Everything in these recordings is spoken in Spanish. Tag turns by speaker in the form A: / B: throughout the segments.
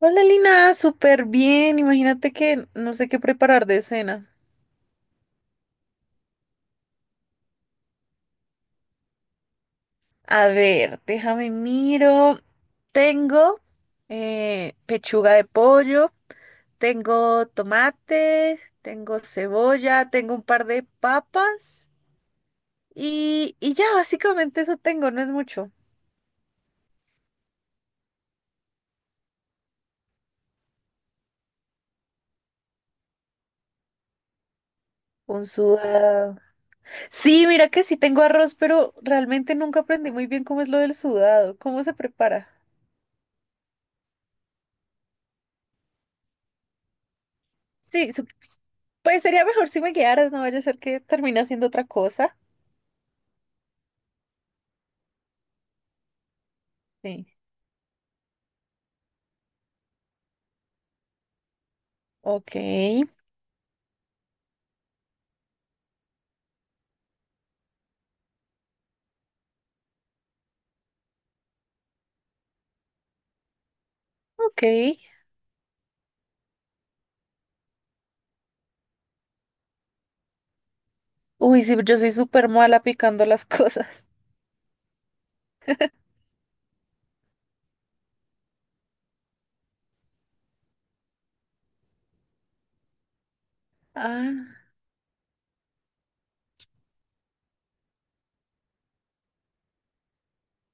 A: Hola Lina, súper bien. Imagínate que no sé qué preparar de cena. A ver, déjame miro. Tengo pechuga de pollo, tengo tomate, tengo cebolla, tengo un par de papas y ya, básicamente eso tengo, no es mucho. Un sudado. Sí, mira que sí tengo arroz, pero realmente nunca aprendí muy bien cómo es lo del sudado, cómo se prepara. Sí, pues sería mejor si me guiaras, no vaya a ser que termine haciendo otra cosa. Sí. Ok, ok. Uy, sí, yo soy súper mala picando las cosas. Ah,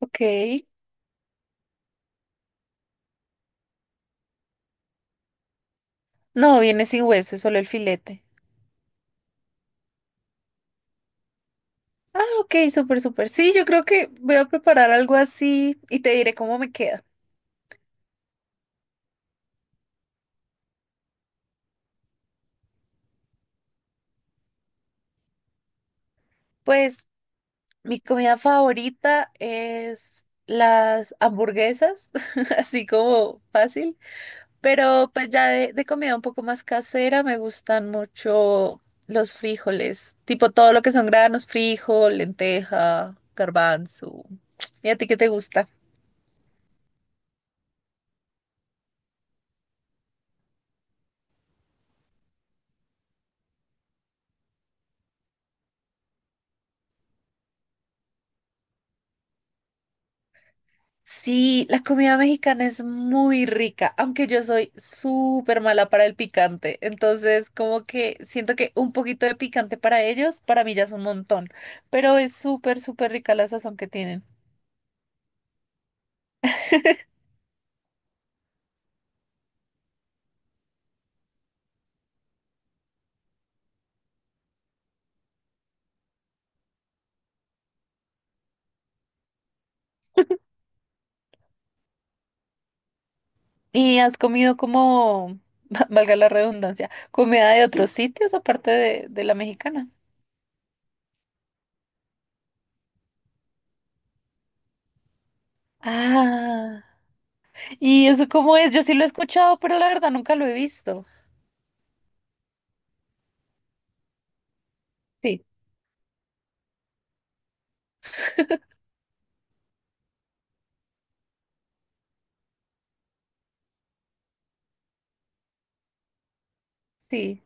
A: ok. No, viene sin hueso, es solo el filete. Ah, ok, súper, súper. Sí, yo creo que voy a preparar algo así y te diré cómo me queda. Pues mi comida favorita es las hamburguesas, así como fácil. Pero pues ya de comida un poco más casera me gustan mucho los frijoles, tipo todo lo que son granos, frijol, lenteja, garbanzo. ¿Y a ti qué te gusta? Sí, la comida mexicana es muy rica, aunque yo soy súper mala para el picante. Entonces, como que siento que un poquito de picante para ellos, para mí ya es un montón. Pero es súper, súper rica la sazón que tienen. ¿Y has comido como, valga la redundancia, comida de otros sitios aparte de la mexicana? Ah, ¿y eso cómo es? Yo sí lo he escuchado, pero la verdad nunca lo he visto. Sí, sí,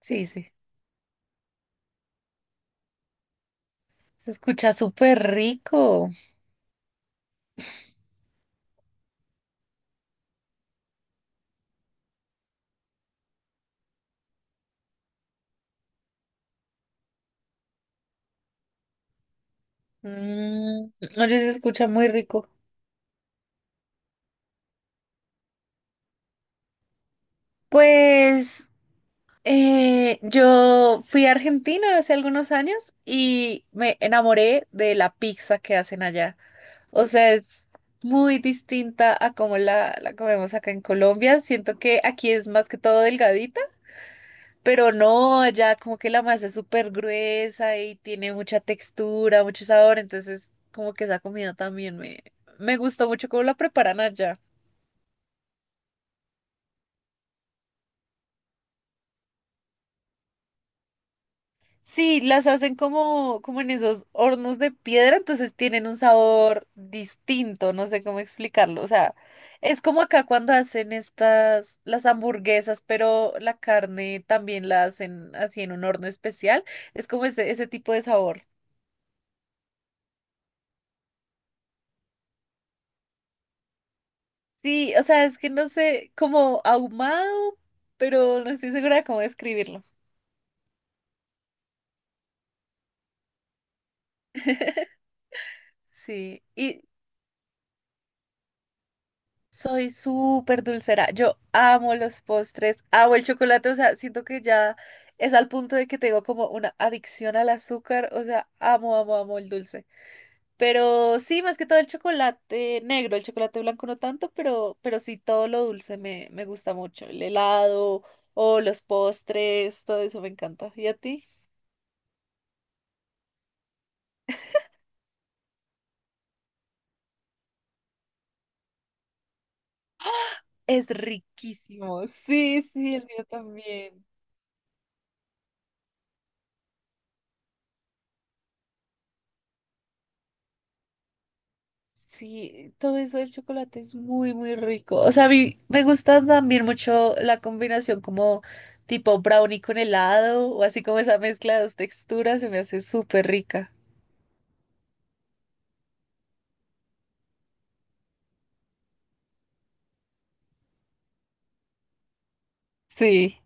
A: sí, sí. Se escucha súper rico. Mm, oye, se escucha muy rico. Pues yo fui a Argentina hace algunos años y me enamoré de la pizza que hacen allá. O sea, es muy distinta a como la comemos acá en Colombia. Siento que aquí es más que todo delgadita, pero no, allá como que la masa es súper gruesa y tiene mucha textura, mucho sabor. Entonces, como que esa comida también me gustó mucho cómo la preparan allá. Sí, las hacen como, como en esos hornos de piedra, entonces tienen un sabor distinto, no sé cómo explicarlo. O sea, es como acá cuando hacen estas, las hamburguesas, pero la carne también la hacen así en un horno especial. Es como ese tipo de sabor. Sí, o sea, es que no sé, como ahumado, pero no estoy segura de cómo describirlo. Sí, y soy súper dulcera. Yo amo los postres, amo el chocolate. O sea, siento que ya es al punto de que tengo como una adicción al azúcar. O sea, amo, amo, amo el dulce. Pero sí, más que todo el chocolate negro, el chocolate blanco no tanto, pero sí todo lo dulce me gusta mucho. El helado o los postres, todo eso me encanta. ¿Y a ti? Es riquísimo. Sí, sí, el mío también. Sí, todo eso del chocolate es muy, muy rico. O sea, a mí me gusta también mucho la combinación como tipo brownie con helado o así como esa mezcla de dos texturas se me hace súper rica. Sí,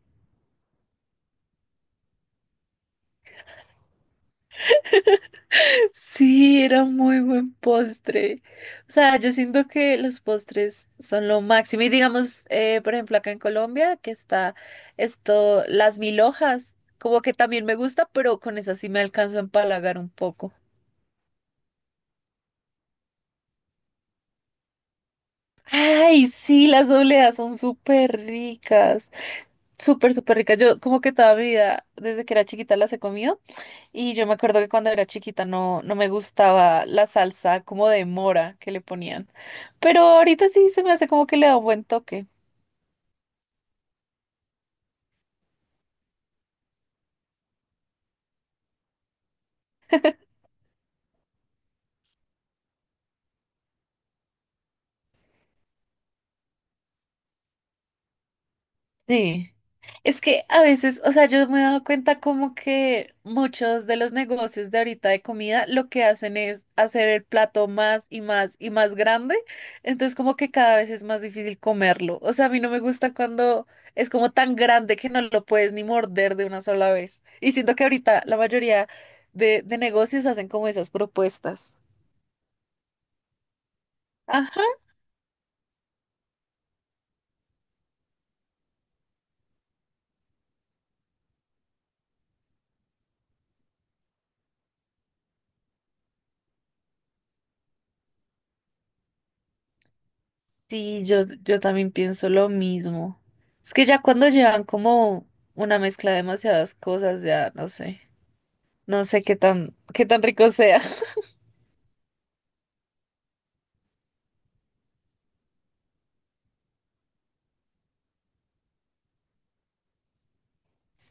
A: sí, era muy buen postre. O sea, yo siento que los postres son lo máximo. Y digamos, por ejemplo, acá en Colombia, que está esto, las mil hojas, como que también me gusta, pero con esas sí me alcanzo a empalagar un poco. Ay, sí, las dobleas son súper ricas, súper, súper ricas. Yo como que toda mi vida, desde que era chiquita, las he comido y yo me acuerdo que cuando era chiquita no, no me gustaba la salsa como de mora que le ponían, pero ahorita sí se me hace como que le da un buen toque. Sí. Es que a veces, o sea, yo me he dado cuenta como que muchos de los negocios de ahorita de comida lo que hacen es hacer el plato más y más y más grande, entonces como que cada vez es más difícil comerlo. O sea, a mí no me gusta cuando es como tan grande que no lo puedes ni morder de una sola vez. Y siento que ahorita la mayoría de negocios hacen como esas propuestas. Sí, yo también pienso lo mismo. Es que ya cuando llevan como una mezcla de demasiadas cosas, ya no sé, no sé qué tan rico sea.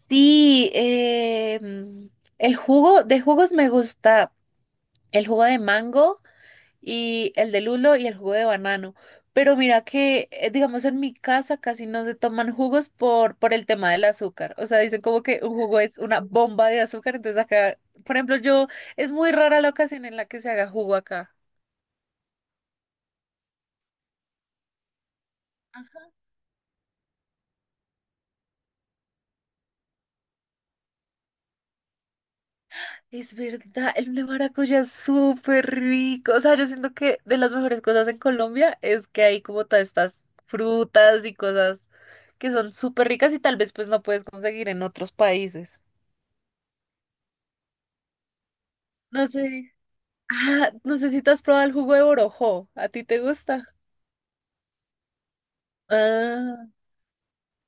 A: Sí, el jugo de jugos me gusta el jugo de mango. Y el de lulo y el jugo de banano. Pero mira que, digamos, en mi casa casi no se toman jugos por el tema del azúcar. O sea, dicen como que un jugo es una bomba de azúcar. Entonces acá, por ejemplo, yo, es muy rara la ocasión en la que se haga jugo acá. Es verdad, el de maracuyá es súper rico. O sea, yo siento que de las mejores cosas en Colombia es que hay como todas estas frutas y cosas que son súper ricas y tal vez pues no puedes conseguir en otros países. No sé. Ah, no sé si tú has probado el jugo de borojó. ¿A ti te gusta? Ah,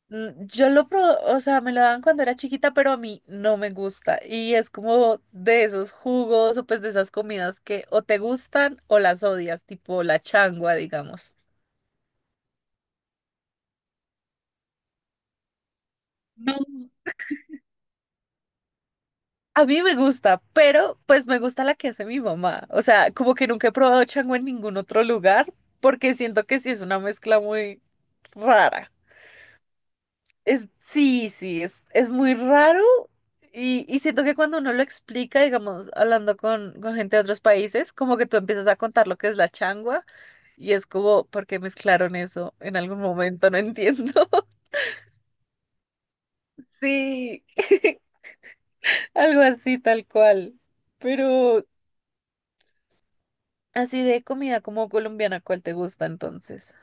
A: mm, yo lo probé, o sea, me lo daban cuando era chiquita, pero a mí no me gusta. Y es como de esos jugos o pues de esas comidas que o te gustan o las odias, tipo la changua, digamos. No, a mí me gusta, pero pues me gusta la que hace mi mamá. O sea, como que nunca he probado changua en ningún otro lugar, porque siento que sí es una mezcla muy rara. Es, sí, sí, es muy raro y siento que cuando uno lo explica, digamos, hablando con gente de otros países, como que tú empiezas a contar lo que es la changua y es como, ¿por qué mezclaron eso en algún momento? No entiendo. Sí, algo así tal cual. Pero así de comida como colombiana, ¿cuál te gusta entonces?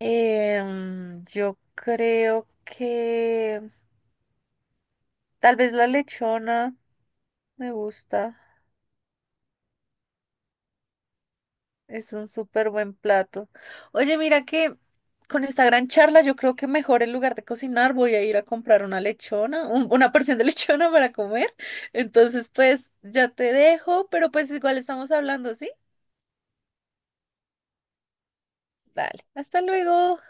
A: Em, yo creo que tal vez la lechona me gusta. Es un súper buen plato. Oye, mira que con esta gran charla yo creo que mejor en lugar de cocinar voy a ir a comprar una lechona, una porción de lechona para comer. Entonces, pues ya te dejo, pero pues igual estamos hablando, ¿sí? Dale, hasta luego.